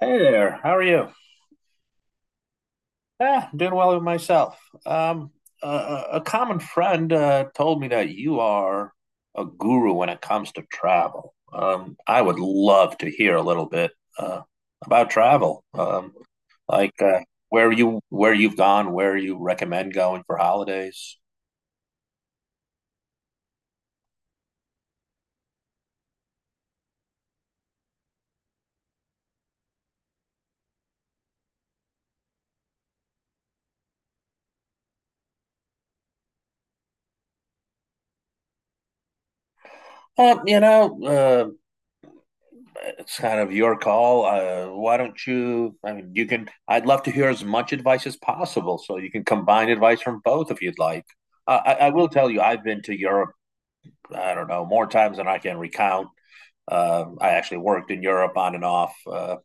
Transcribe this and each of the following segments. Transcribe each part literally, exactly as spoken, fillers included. Hey there, how are you? Yeah, doing well with myself. Um, a, a common friend uh, told me that you are a guru when it comes to travel. Um, I would love to hear a little bit uh, about travel, um, like uh, where you where you've gone, where you recommend going for holidays. Well, you know, uh, it's kind of your call. Uh, why don't you? I mean, you can. I'd love to hear as much advice as possible, so you can combine advice from both if you'd like. Uh, I, I will tell you, I've been to Europe. I don't know more times than I can recount. Um, I actually worked in Europe on and off, uh,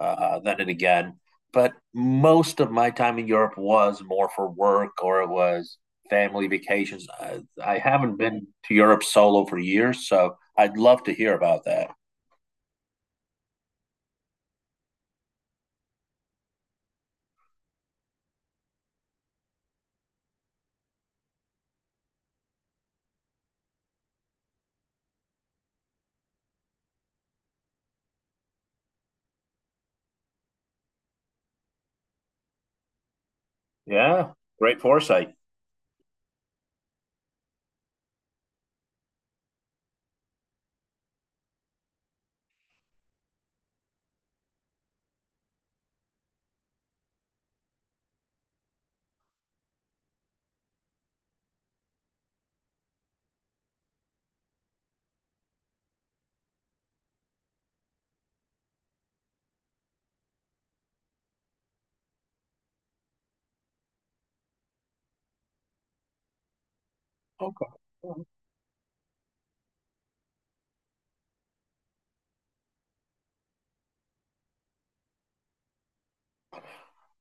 uh, uh, then and again. But most of my time in Europe was more for work or it was family vacations. I, I haven't been to Europe solo for years, so I'd love to hear about that. Yeah, great foresight. Okay. Mm.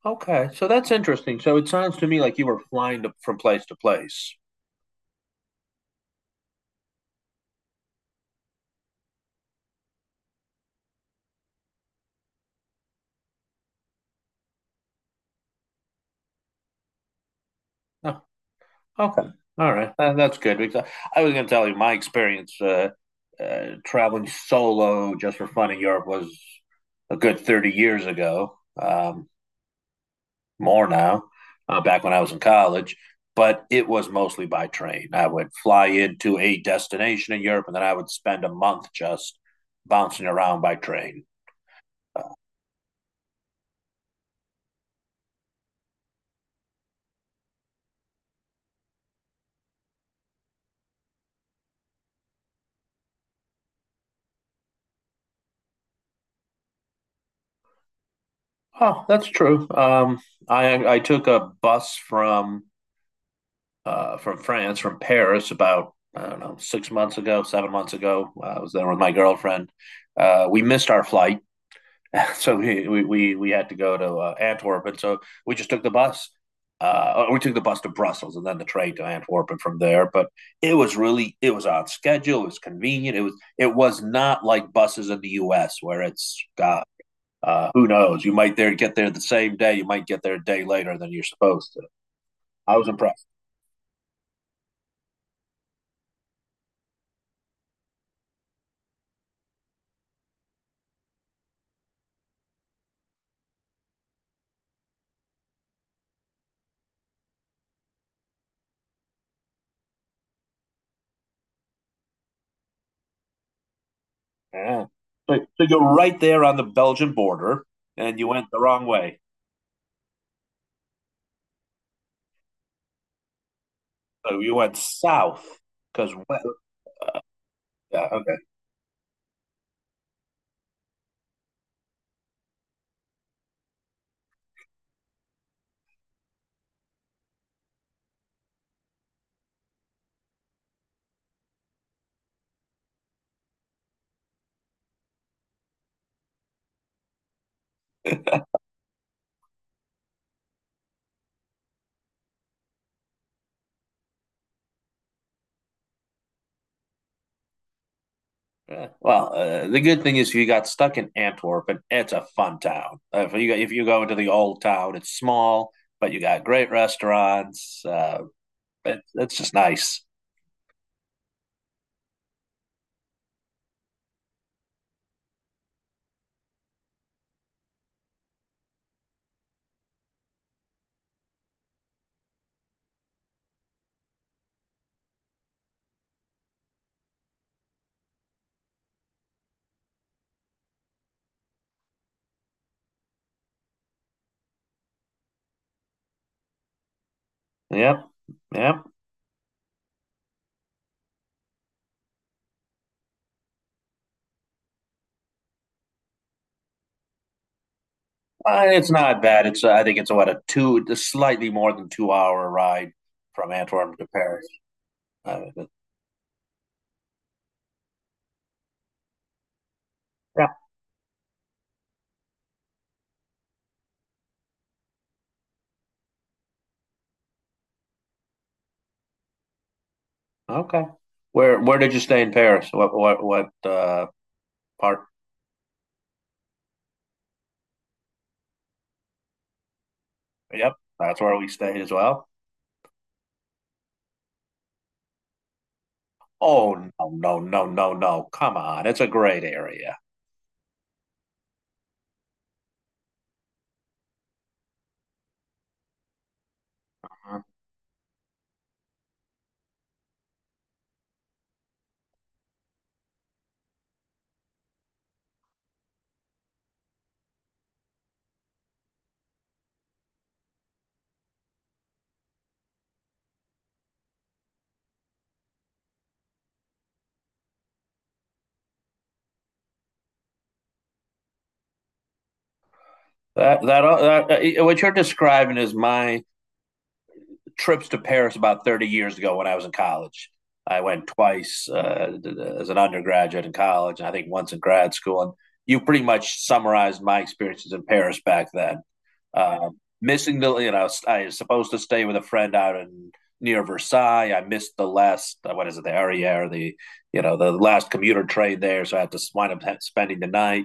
Okay. So that's interesting. So it sounds to me like you were flying to, from place to place. Oh, okay. All right. That, that's good because I was going to tell you my experience uh, uh, traveling solo just for fun in Europe was a good thirty years ago, um, more now, uh, back when I was in college. But it was mostly by train. I would fly into a destination in Europe and then I would spend a month just bouncing around by train. Oh, that's true. Um, I I took a bus from uh, from France, from Paris, about I don't know six months ago, seven months ago. I was there with my girlfriend. Uh, we missed our flight. So we, we we had to go to uh, Antwerp, and so we just took the bus. Uh, we took the bus to Brussels and then the train to Antwerp and from there. But it was really it was on schedule. It was convenient. It was it was not like buses in the U S where it's uh, uh, who knows, you might there get there the same day. You might get there a day later than you're supposed to. I was impressed. Yeah. So, so you're right there on the Belgian border, and you went the wrong way. So you went south because, well, yeah, okay. Yeah. Well, uh, the good thing is you got stuck in Antwerp, and it's a fun town. Uh, if you if you go into the old town, it's small, but you got great restaurants. Uh, it, it's just nice. Yep, yep. Uh, it's not bad. It's uh, I think it's what a two, a slightly more than two hour ride from Antwerp to Paris. Uh, yeah. Okay. Where where did you stay in Paris? What what what uh, part? Yep, that's where we stayed as well. Oh, no, no, no, no, no! Come on, it's a great area. That that, uh, that uh, what you're describing is my trips to Paris about thirty years ago when I was in college. I went twice uh, as an undergraduate in college, and I think once in grad school. And you pretty much summarized my experiences in Paris back then. Um, missing the, you know, I was supposed to stay with a friend out in near Versailles. I missed the last, uh, what is it, the Arriere, the, you know, the last commuter train there. So I had to wind up spending the night,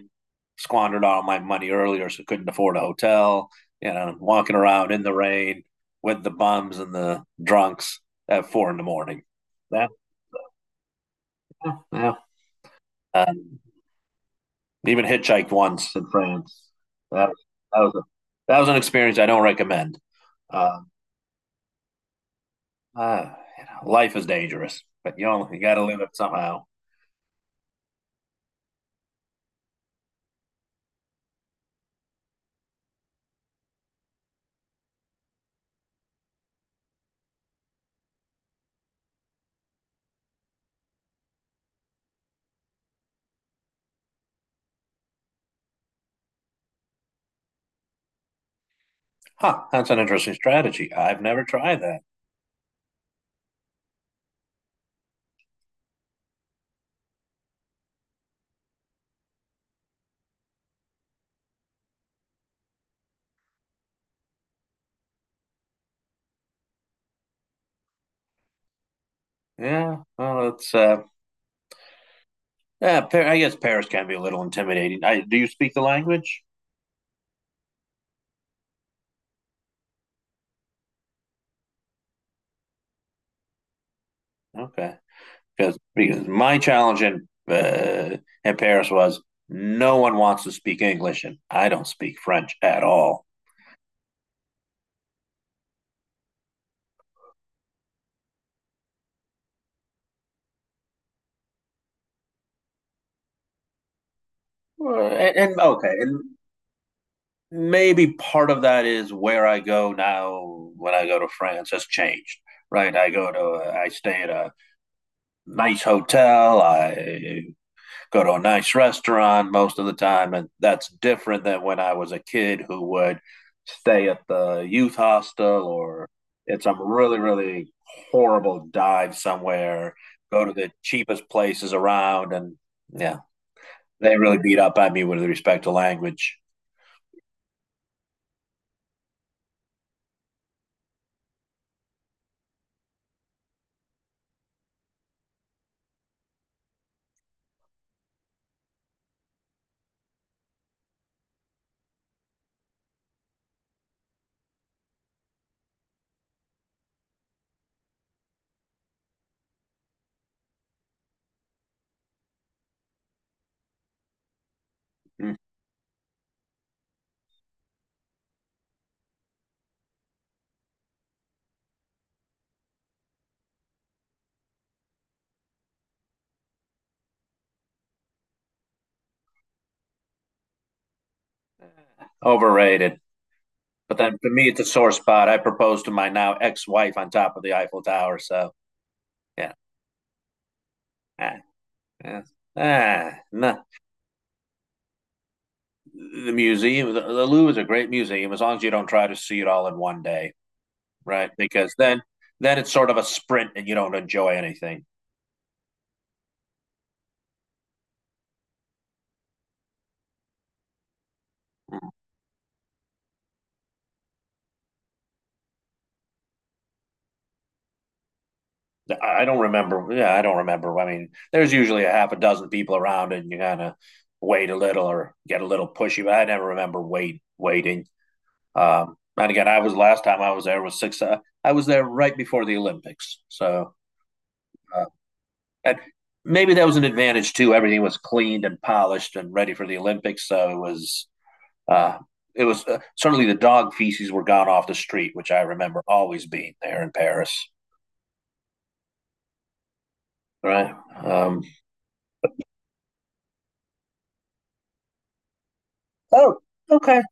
squandered all my money earlier, so couldn't afford a hotel, you know, walking around in the rain with the bums and the drunks at four in the morning. Yeah. Yeah. Um, even hitchhiked once in France. That, that was a, that was an experience I don't recommend. Uh, Uh, you know, life is dangerous, but you only got to live it somehow. Huh, that's an interesting strategy. I've never tried that. Yeah, well, it's uh, yeah. Par- I guess Paris can be a little intimidating. I, do you speak the language? Okay, because because my challenge in uh, in Paris was no one wants to speak English, and I don't speak French at all. Uh, and, and okay, and maybe part of that is where I go now. When I go to France, has changed. Right, I go to uh, I stay at a nice hotel. I go to a nice restaurant most of the time. And that's different than when I was a kid who would stay at the youth hostel or at some really, really horrible dive somewhere, go to the cheapest places around. And yeah, they really beat up on me with respect to language. Mm. Overrated. But then for me, it's a sore spot. I proposed to my now ex wife on top of the Eiffel Tower. So yeah. Ah, yeah. Ah, no. The museum, the, the Louvre is a great museum as long as you don't try to see it all in one day, right? Because then then it's sort of a sprint and you don't enjoy anything. I don't remember. Yeah, I don't remember. I mean, there's usually a half a dozen people around, and you kind of wait a little or get a little pushy. But I never remember wait waiting. Um, and again, I was last time I was there was six. Uh, I was there right before the Olympics, so uh, and maybe that was an advantage too. Everything was cleaned and polished and ready for the Olympics, so it was uh, it was uh, certainly the dog feces were gone off the street, which I remember always being there in Paris. Right. Um, oh, okay.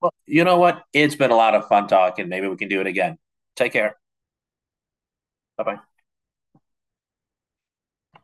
Well, you know what? It's been a lot of fun talking. Maybe we can do it again. Take care. Bye bye.